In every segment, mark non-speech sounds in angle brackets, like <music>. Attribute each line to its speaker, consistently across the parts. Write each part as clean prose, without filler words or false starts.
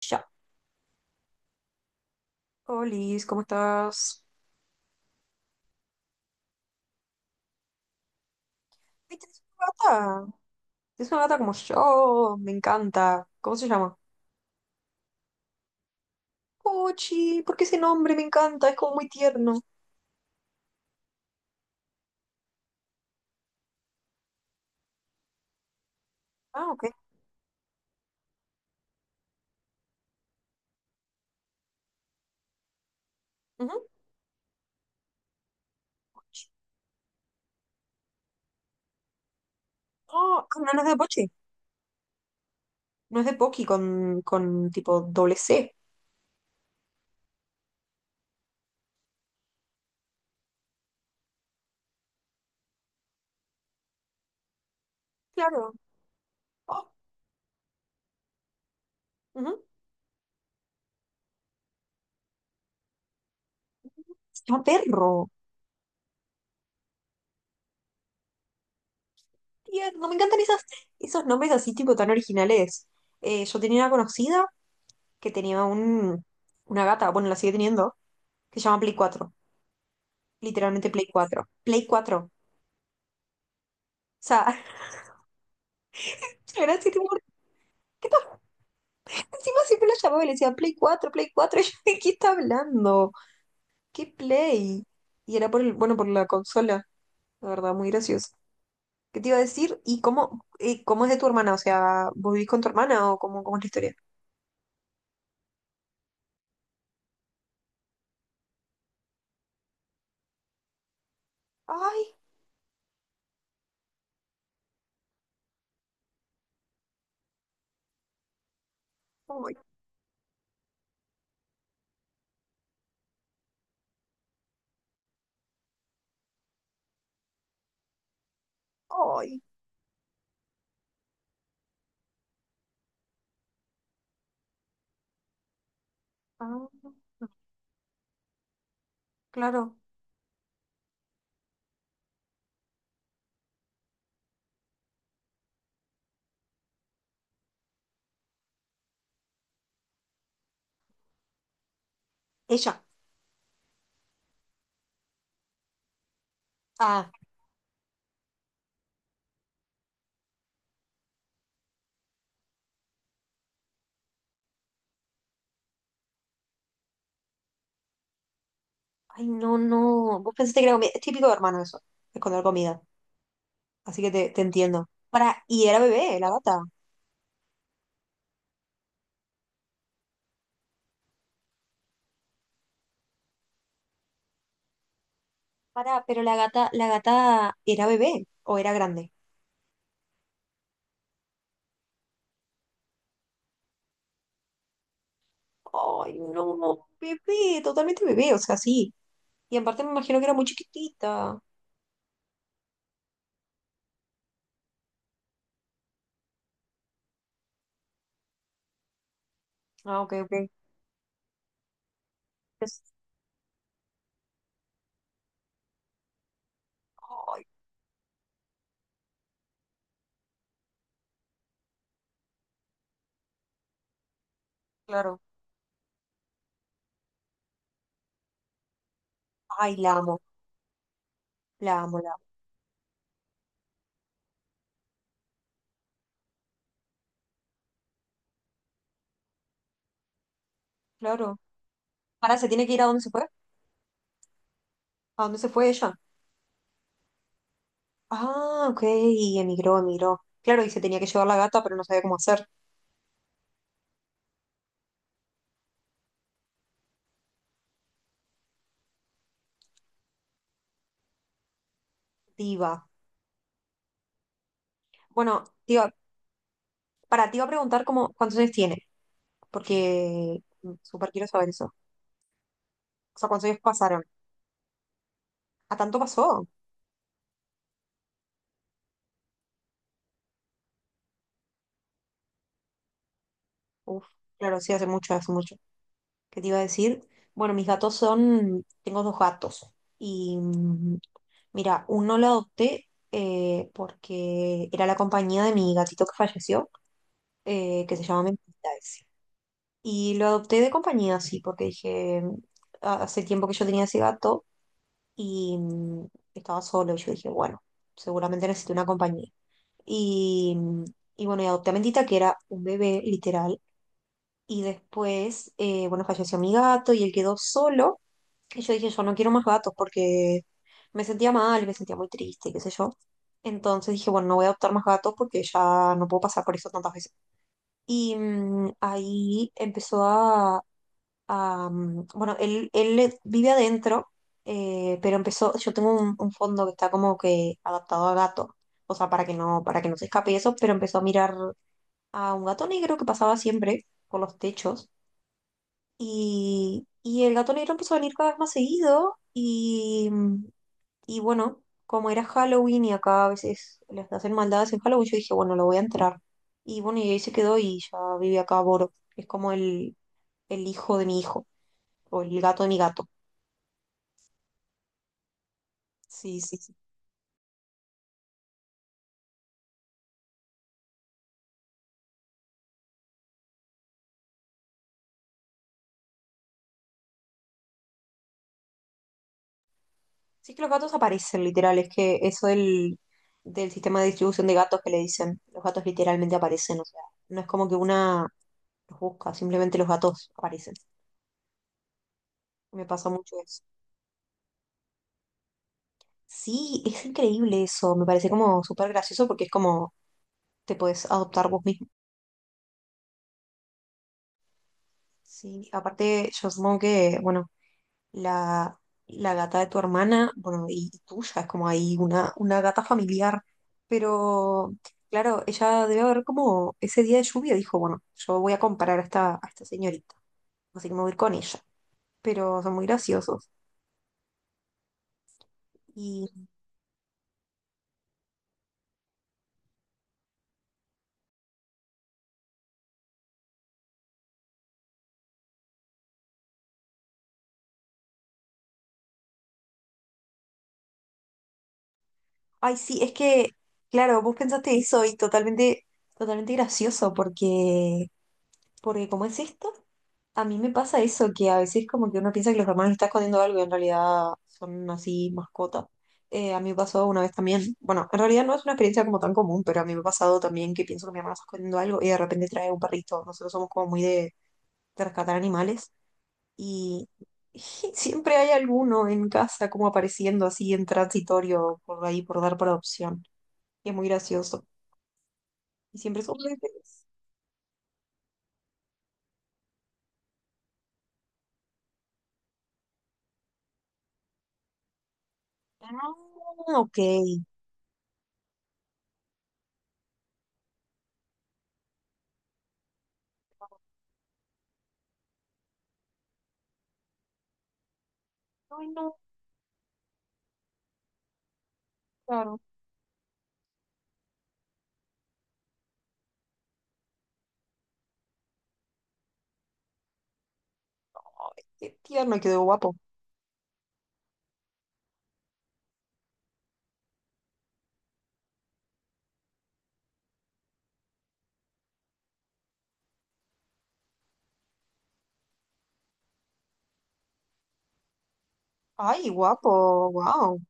Speaker 1: Ya. Olis, ¿cómo estás? Ay, ¿tienes una gata? Tienes una gata como yo, me encanta. ¿Cómo se llama? Pochi, ¿por qué ese nombre? Me encanta, es como muy tierno. Ah, ok. Ujú. Pochi. Oh, ah, no, no es de Pochi, no es de Poki con tipo doble C. Claro. Oh, ujú. Se llama perro. Tierno, me encantan esos nombres así tipo tan originales. Yo tenía una conocida que tenía una gata, bueno, la sigue teniendo, que se llama Play 4. Literalmente Play 4. Play 4. Sea, <laughs> era así tipo, ¿qué por encima siempre la llamaba y le decía Play 4 Play cuatro? <laughs> Y yo, ¿de qué está hablando? ¿Qué Play? Y era por el, bueno, por la consola, la verdad, muy gracioso. ¿Qué te iba a decir? Y cómo es de tu hermana? O sea, ¿vos vivís con tu hermana o cómo, cómo es la historia? Ay, ay, ay. Ah, claro. Ella. Ah, ay, no, no. Vos pensaste que era comida. Es típico de hermano eso, esconder comida. Así que te entiendo. Para, y era bebé, la gata. Pará, pero la gata era bebé o era grande. Ay, no, no, bebé, totalmente bebé, o sea, sí. Y en parte me imagino que era muy chiquitita. Ah, ok, ok. Es- Ay, claro. Ay, la amo, la amo, la amo. Claro. Pará, ¿se tiene que ir a dónde se fue? ¿A dónde se fue ella? Ah, ok, y emigró, emigró. Claro, y se tenía que llevar la gata, pero no sabía cómo hacer. Diva. Bueno, diva, para, te iba a preguntar cómo, cuántos años tiene, porque súper quiero saber eso. O sea, cuántos años pasaron. ¿A tanto pasó? Uf, claro, sí, hace mucho, hace mucho. ¿Qué te iba a decir? Bueno, mis gatos son, tengo dos gatos. Y mira, uno lo adopté porque era la compañía de mi gatito que falleció, que se llama Mentita ese. Y lo adopté de compañía, sí, porque dije, "Ah, hace tiempo que yo tenía ese gato y estaba solo". Y yo dije, bueno, seguramente necesito una compañía. Y, y bueno, y adopté a Mentita, que era un bebé, literal. Y después, bueno, falleció mi gato y él quedó solo. Y yo dije, yo no quiero más gatos porque me sentía mal, me sentía muy triste, qué sé yo. Entonces dije, bueno, no voy a adoptar más gatos porque ya no puedo pasar por eso tantas veces. Y ahí empezó a, bueno, él le- vive adentro, pero empezó, yo tengo un fondo que está como que adaptado a gato, o sea, para que no se escape eso, pero empezó a mirar a un gato negro que pasaba siempre por los techos y el gato negro empezó a venir cada vez más seguido y bueno, como era Halloween y acá a veces les hacen maldades en Halloween, yo dije, bueno, lo voy a entrar. Y bueno, y ahí se quedó y ya vive acá Boro, que es como el hijo de mi hijo, o el gato de mi gato. Sí, sí, sí. Sí, es que los gatos aparecen, literal, es que eso del sistema de distribución de gatos que le dicen, los gatos literalmente aparecen, o sea, no es como que una los busca, simplemente los gatos aparecen. Me pasa mucho eso. Sí, es increíble eso, me parece como súper gracioso porque es como te puedes adoptar vos mismo. Sí, aparte yo supongo que, bueno, la, la gata de tu hermana, bueno, y tuya, es como ahí una gata familiar, pero claro, ella debe haber como ese día de lluvia dijo, bueno, yo voy a comparar a esta señorita, así que me voy a ir con ella, pero son muy graciosos. Y, ay, sí, es que, claro, vos pensaste eso y totalmente, totalmente gracioso porque... Porque como es esto, a mí me pasa eso, que a veces como que uno piensa que los hermanos están escondiendo algo y en realidad son así mascotas. A mí me pasó una vez también, bueno, en realidad no es una experiencia como tan común, pero a mí me ha pasado también que pienso que mi hermano está escondiendo algo y de repente trae un perrito. Nosotros somos como muy de rescatar animales y <laughs> siempre hay alguno en casa como apareciendo así en transitorio por ahí, por dar por adopción. Y es muy gracioso. Y siempre son bebés. Ah, ok. Ay, no, claro. Qué tierno, quedó guapo. Ay, guapo, wow.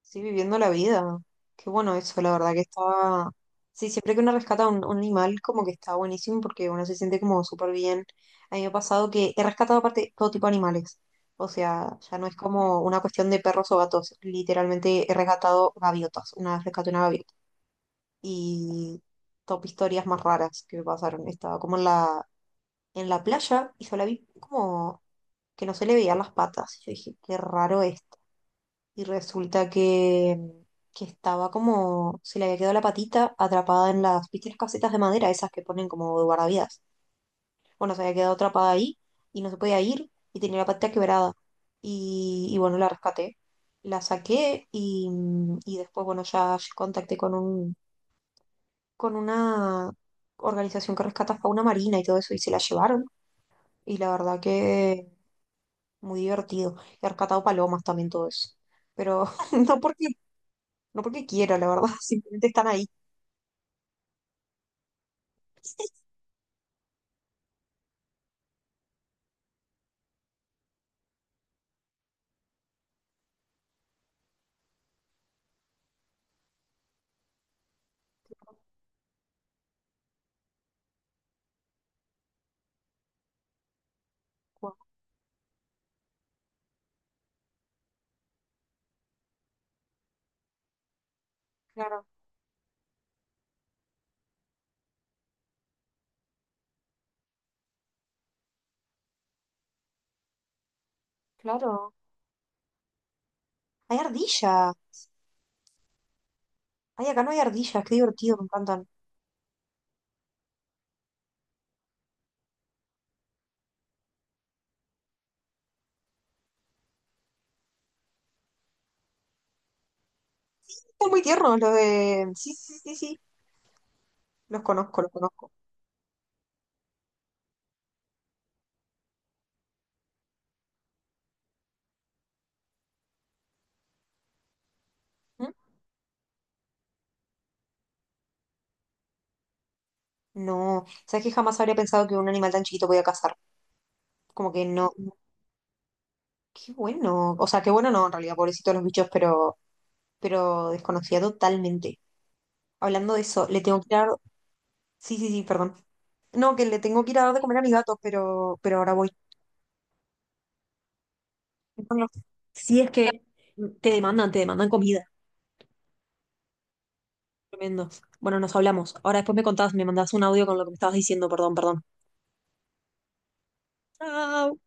Speaker 1: Sí, viviendo la vida. Qué bueno eso, la verdad que está... Sí, siempre que uno rescata un animal, como que está buenísimo porque uno se siente como súper bien. A mí me ha pasado que he rescatado aparte todo tipo de animales. O sea, ya no es como una cuestión de perros o gatos. Literalmente he rescatado gaviotas. Una vez rescaté una gaviota. Y top historias más raras que me pasaron. Estaba como en en la playa y yo la vi como que no se le veían las patas. Yo dije, qué raro esto. Y resulta que estaba como, se le había quedado la patita atrapada en las, ¿viste las casetas de madera, esas que ponen como de guardavidas? Bueno, se había quedado atrapada ahí y no se podía ir y tenía la patita quebrada. Y bueno, la rescaté. La saqué y después, bueno, ya contacté con un, con una organización que rescata fauna marina y todo eso y se la llevaron. Y la verdad que muy divertido. He rescatado palomas también todo eso. Pero <laughs> no porque, no porque quiera, la verdad, <laughs> simplemente están ahí. Guau, claro, claro. Hay ardilla. Ay, acá no hay ardillas, qué divertido, me encantan. Están muy tiernos los de... Sí, sí, sí, sí, los conozco, los conozco. ¿Mm? No, sabes que jamás habría pensado que un animal tan chiquito podía cazar. Como que no, no, qué bueno. O sea, qué bueno no, en realidad, pobrecitos los bichos, pero desconocía totalmente. Hablando de eso, le tengo que dar... Sí, sí, sí, perdón. No, que le tengo que ir a dar de comer a mis gatos, pero ahora voy. Bueno, sí, es que te demandan comida. Tremendo. Bueno, nos hablamos. Ahora después me contás, me mandás un audio con lo que me estabas diciendo, perdón, perdón. Chao.